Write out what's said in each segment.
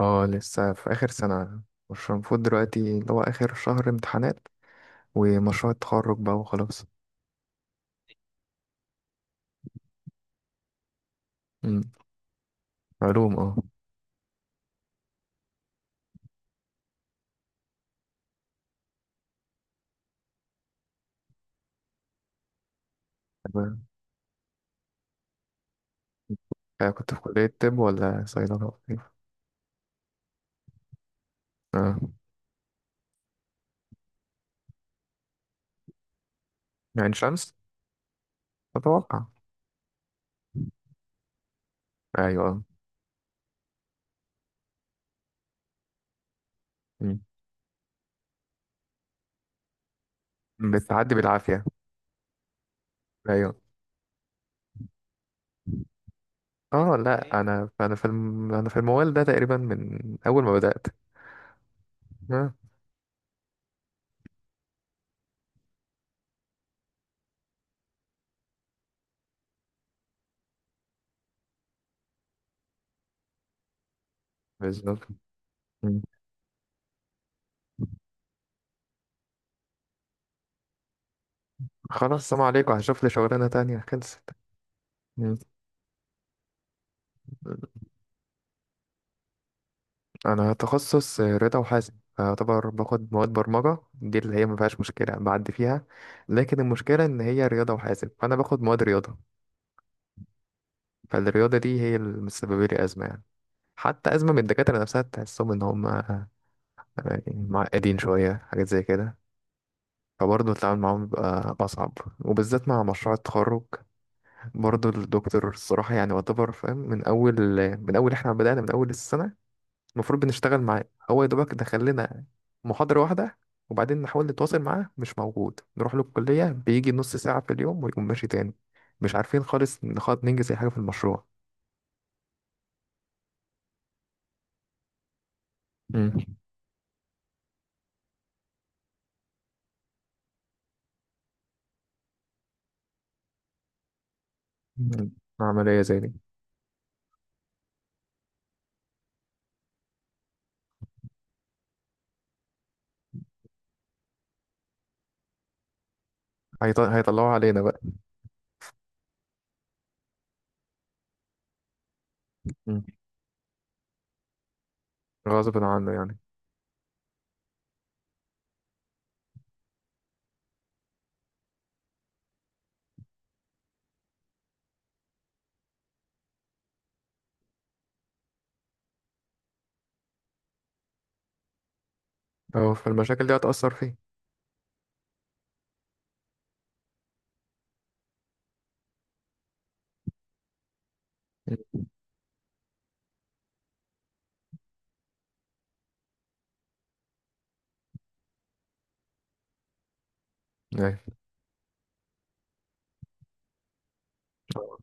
اه، لسه في آخر سنة. مش المفروض دلوقتي اللي هو آخر شهر امتحانات ومشروع التخرج بقى وخلاص؟ مم. علوم، اه. تمام. كنت في كلية طب ولا صيدلة ولا إيه؟ اه، يعني شمس أتوقع. أيوة آه. مم. بتعدي بالعافية. أيوة، اه، لا أيوة. أنا في الموال ده تقريبا من أول ما بدأت. اه، بالظبط. مم. خلاص، السلام عليكم، هشوف لي شغلانة تانية، خلصت. مم. انا تخصص رضا وحاسب، فاعتبر باخد مواد برمجه، دي اللي هي ما فيهاش مشكله، بعدي فيها. لكن المشكله ان هي رياضه وحاسب، فانا باخد مواد رياضه. فالرياضه دي هي اللي مسببه لي ازمه يعني. حتى ازمه من الدكاتره نفسها، تحسهم ان هم يعني معقدين شويه، حاجات زي كده. فبرضه التعامل معاهم بيبقى أصعب، وبالذات مع مشروع التخرج. برضه الدكتور الصراحة يعني يعتبر فاهم. من أول إحنا بدأنا من أول السنة، المفروض بنشتغل معاه. هو يا دوبك دخل لنا محاضرة واحدة، وبعدين نحاول نتواصل معاه مش موجود، نروح له الكلية بيجي نص ساعة في اليوم ويقوم ماشي تاني. مش عارفين خالص نخاط ننجز أي حاجة في المشروع. مم. مم. عملية زي دي. هيطلعوا علينا بقى. مم. غصب عنه يعني. اه، فالمشاكل دي هتأثر فيه. مم. ايوه آه.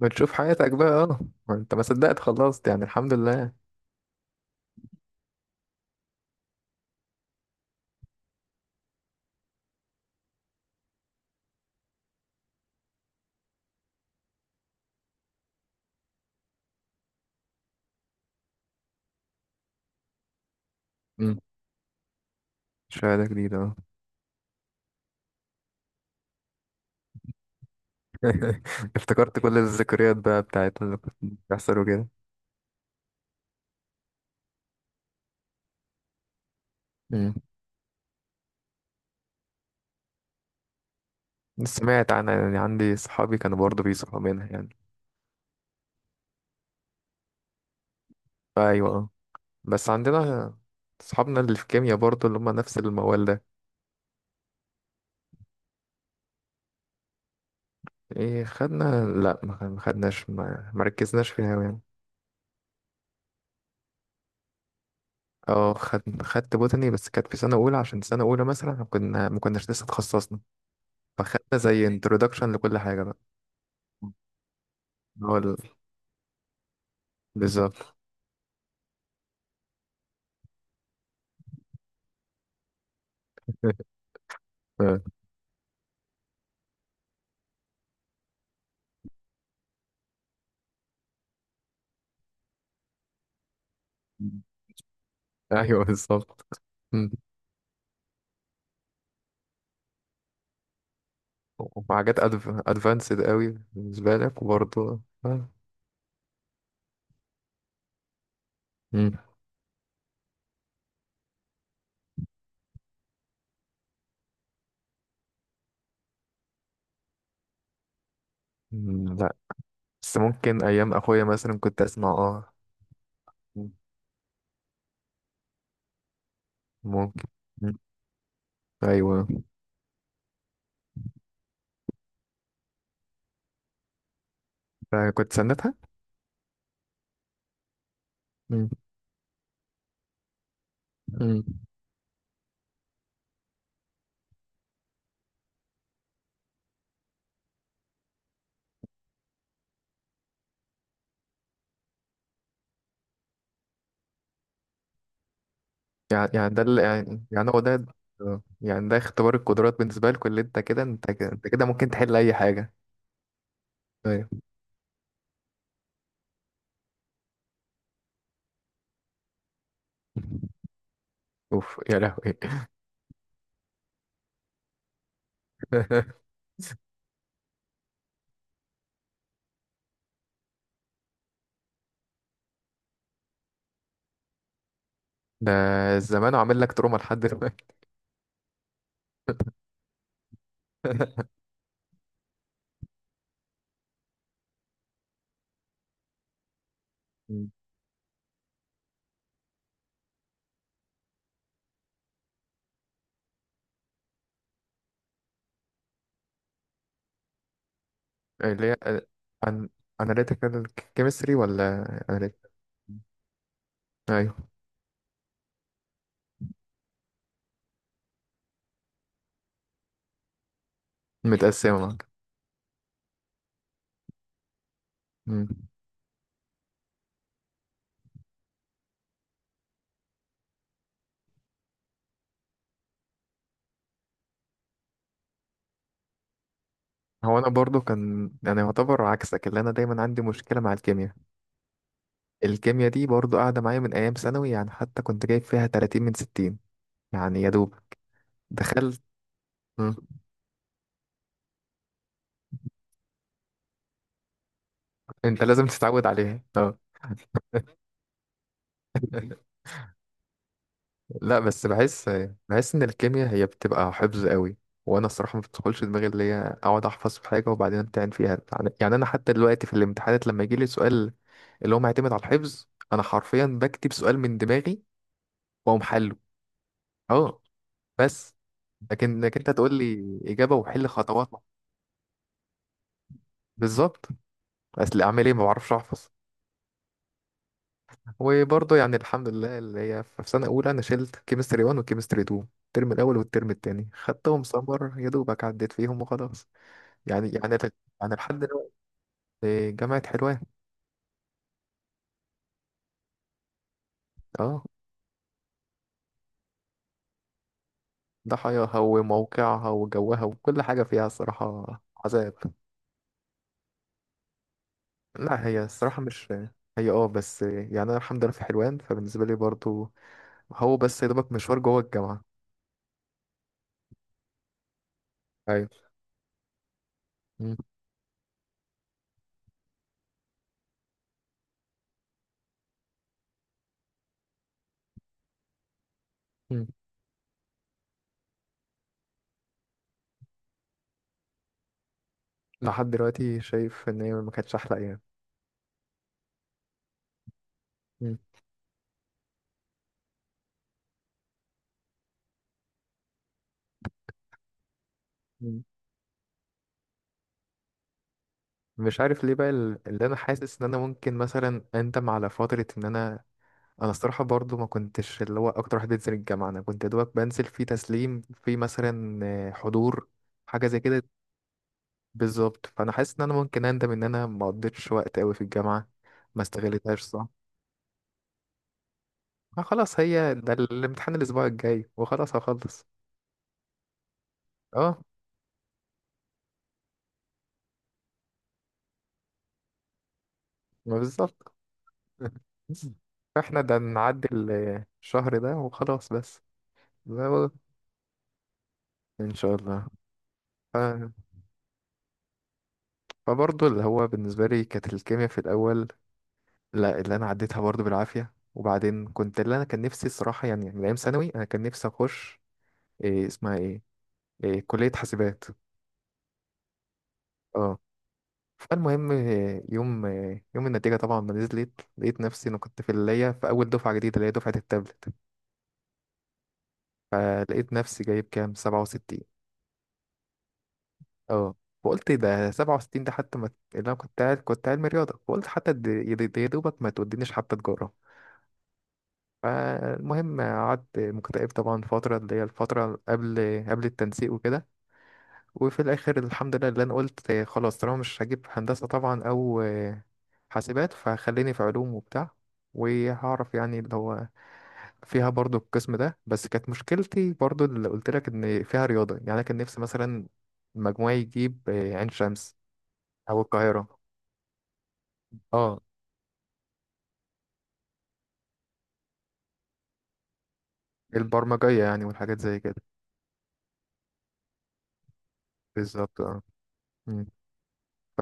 بتشوف حياتك بقى، اه. ما انت ما صدقت خلصت يعني، الحمد لله. مم. شهادة جديدة اه. افتكرت كل الذكريات بقى بتاعت اللي كنت بيحصلوا كده. سمعت عنها يعني، عندي صحابي كانوا برضه بيصحوا منها يعني. ايوه آه. بس عندنا صحابنا اللي في كيمياء برضه، اللي هم نفس الموال ده. ايه خدنا، لا، ما خدناش، ما ركزناش فيها أوي يعني. اه، خدت بوتاني، بس كانت في سنة أولى، عشان سنة أولى مثلا إحنا كنا ما كناش لسه اتخصصنا. فخدنا زي انترودكشن لكل حاجة بقى. هو ال- بالظبط. آه. أيوه بالظبط. مم. وحاجات أدفانسد قوي بالنسبة لك، وبرضه آه. مم. لا، بس ممكن ايام اخويا مثلا كنت اسمع، اه، ممكن. مم. ايوه، فكنت سندها. مم. مم. يعني يعني ده اللي يعني يعني هو ده. آه. يعني ده اختبار القدرات بالنسبه لكم، اللي انت كده انت كده انت كده ممكن تحل اي حاجه. ايوه. اوف يا لهوي. ده الزمان عامل لك تروما لحد دلوقتي. مم. اللي هي أن... analytical chemistry ولا analytical؟ ايوه، متقسمه. معاك. هو انا برضو كان يعني يعتبر عكسك، اللي انا دايما عندي مشكله مع الكيمياء. الكيمياء دي برضو قاعده معايا من ايام ثانوي، يعني حتى كنت جايب فيها 30 من 60 يعني. يا دوب دخلت. مم. انت لازم تتعود عليها اه. لا، بس بحس ان الكيمياء هي بتبقى حفظ قوي. وانا الصراحه ما بتدخلش دماغي، اللي هي اقعد احفظ في حاجه وبعدين امتحن فيها يعني. يعني انا حتى دلوقتي في الامتحانات لما يجي لي سؤال اللي هو معتمد على الحفظ، انا حرفيا بكتب سؤال من دماغي واقوم حله. اه، بس. لكن انت تقول لي اجابه وحل خطوات. بالظبط. اصل اعمل ايه، ما بعرفش احفظ. وبرضه يعني الحمد لله اللي هي في سنه اولى انا شلت كيمستري 1 وكيمستري 2، الترم الاول والترم التاني خدتهم سمر، يا دوبك عديت فيهم وخلاص. يعني يعني يعني لحد دلوقتي. جامعه حلوان. اه، ضحاياها وموقعها وجوها وكل حاجه فيها الصراحه عذاب. لا، هي الصراحه مش، هي اه، بس يعني انا الحمد لله في حلوان، فبالنسبه لي برضه هو بس يا دوبك مشوار جوه الجامعه. ايوه. مم. لحد دلوقتي شايف ان هي ما كانتش احلى ايام. مم. مم. مش عارف ليه بقى، اللي انا حاسس ان انا ممكن مثلا اندم على فتره ان انا. انا الصراحه برضو ما كنتش اللي هو اكتر واحد بينزل الجامعه. انا كنت يا دوبك بنزل في تسليم في مثلا حضور، حاجه زي كده. بالظبط، فانا حاسس ان انا ممكن اندم ان انا ما قضيتش وقت قوي في الجامعه. ما استغلتهاش صح. خلاص، هي ده الامتحان الاسبوع الجاي وخلاص هخلص. اه. ما بالظبط. فاحنا ده نعدي الشهر ده وخلاص بس. لا هو- ان شاء الله. ف... فبرضه اللي هو بالنسبه لي كانت الكيمياء في الاول. لا، اللي انا عديتها برضه بالعافيه، وبعدين كنت اللي انا كان نفسي الصراحه يعني من ايام ثانوي انا كان نفسي اخش. إيه اسمها ايه، إيه كليه حاسبات. اه، فالمهم إيه، يوم إيه، يوم النتيجه طبعا ما نزلت لقيت نفسي انا كنت في اللي هي في اول دفعه جديده اللي هي دفعه التابلت. فلقيت نفسي جايب كام 67. اه، فقلت ده 67 ده حتى ما، اللي انا كنت عارف كنت علمي رياضه، فقلت حتى يا دوبك ما تودينيش حتى تجاره. فالمهم قعدت مكتئب طبعا فتره، اللي هي الفتره قبل التنسيق وكده. وفي الاخر الحمد لله اللي انا قلت خلاص طالما مش هجيب هندسه طبعا او حاسبات، فخليني في علوم وبتاع وهعرف يعني اللي هو فيها برضو القسم ده. بس كانت مشكلتي برضو اللي قلت لك ان فيها رياضه، يعني انا كان نفسي مثلا مجموعي يجيب عين شمس او القاهره. اه، البرمجية يعني والحاجات زي كده. بالظبط اه. مم.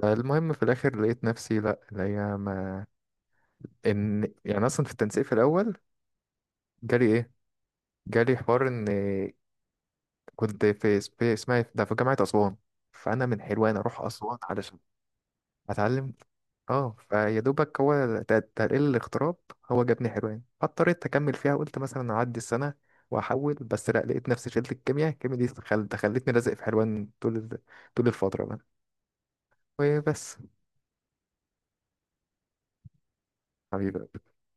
فالمهم في الاخر لقيت نفسي لا اللي هي ما. ان يعني اصلا في التنسيق في الاول جالي ايه، جالي حوار ان كنت في اسمها إيه؟ ده في جامعة اسوان. فانا من حلوان اروح اسوان علشان اتعلم. اه، فيا دوبك هو تقليل الاغتراب، هو جابني حلوان. فاضطريت اكمل فيها، قلت مثلا اعدي السنة واحول. بس لا، لقيت نفسي شلت الكيمياء. الكيمياء دي خلتني لازق في حلوان، طول الفترة بقى. وبس. حبيبي.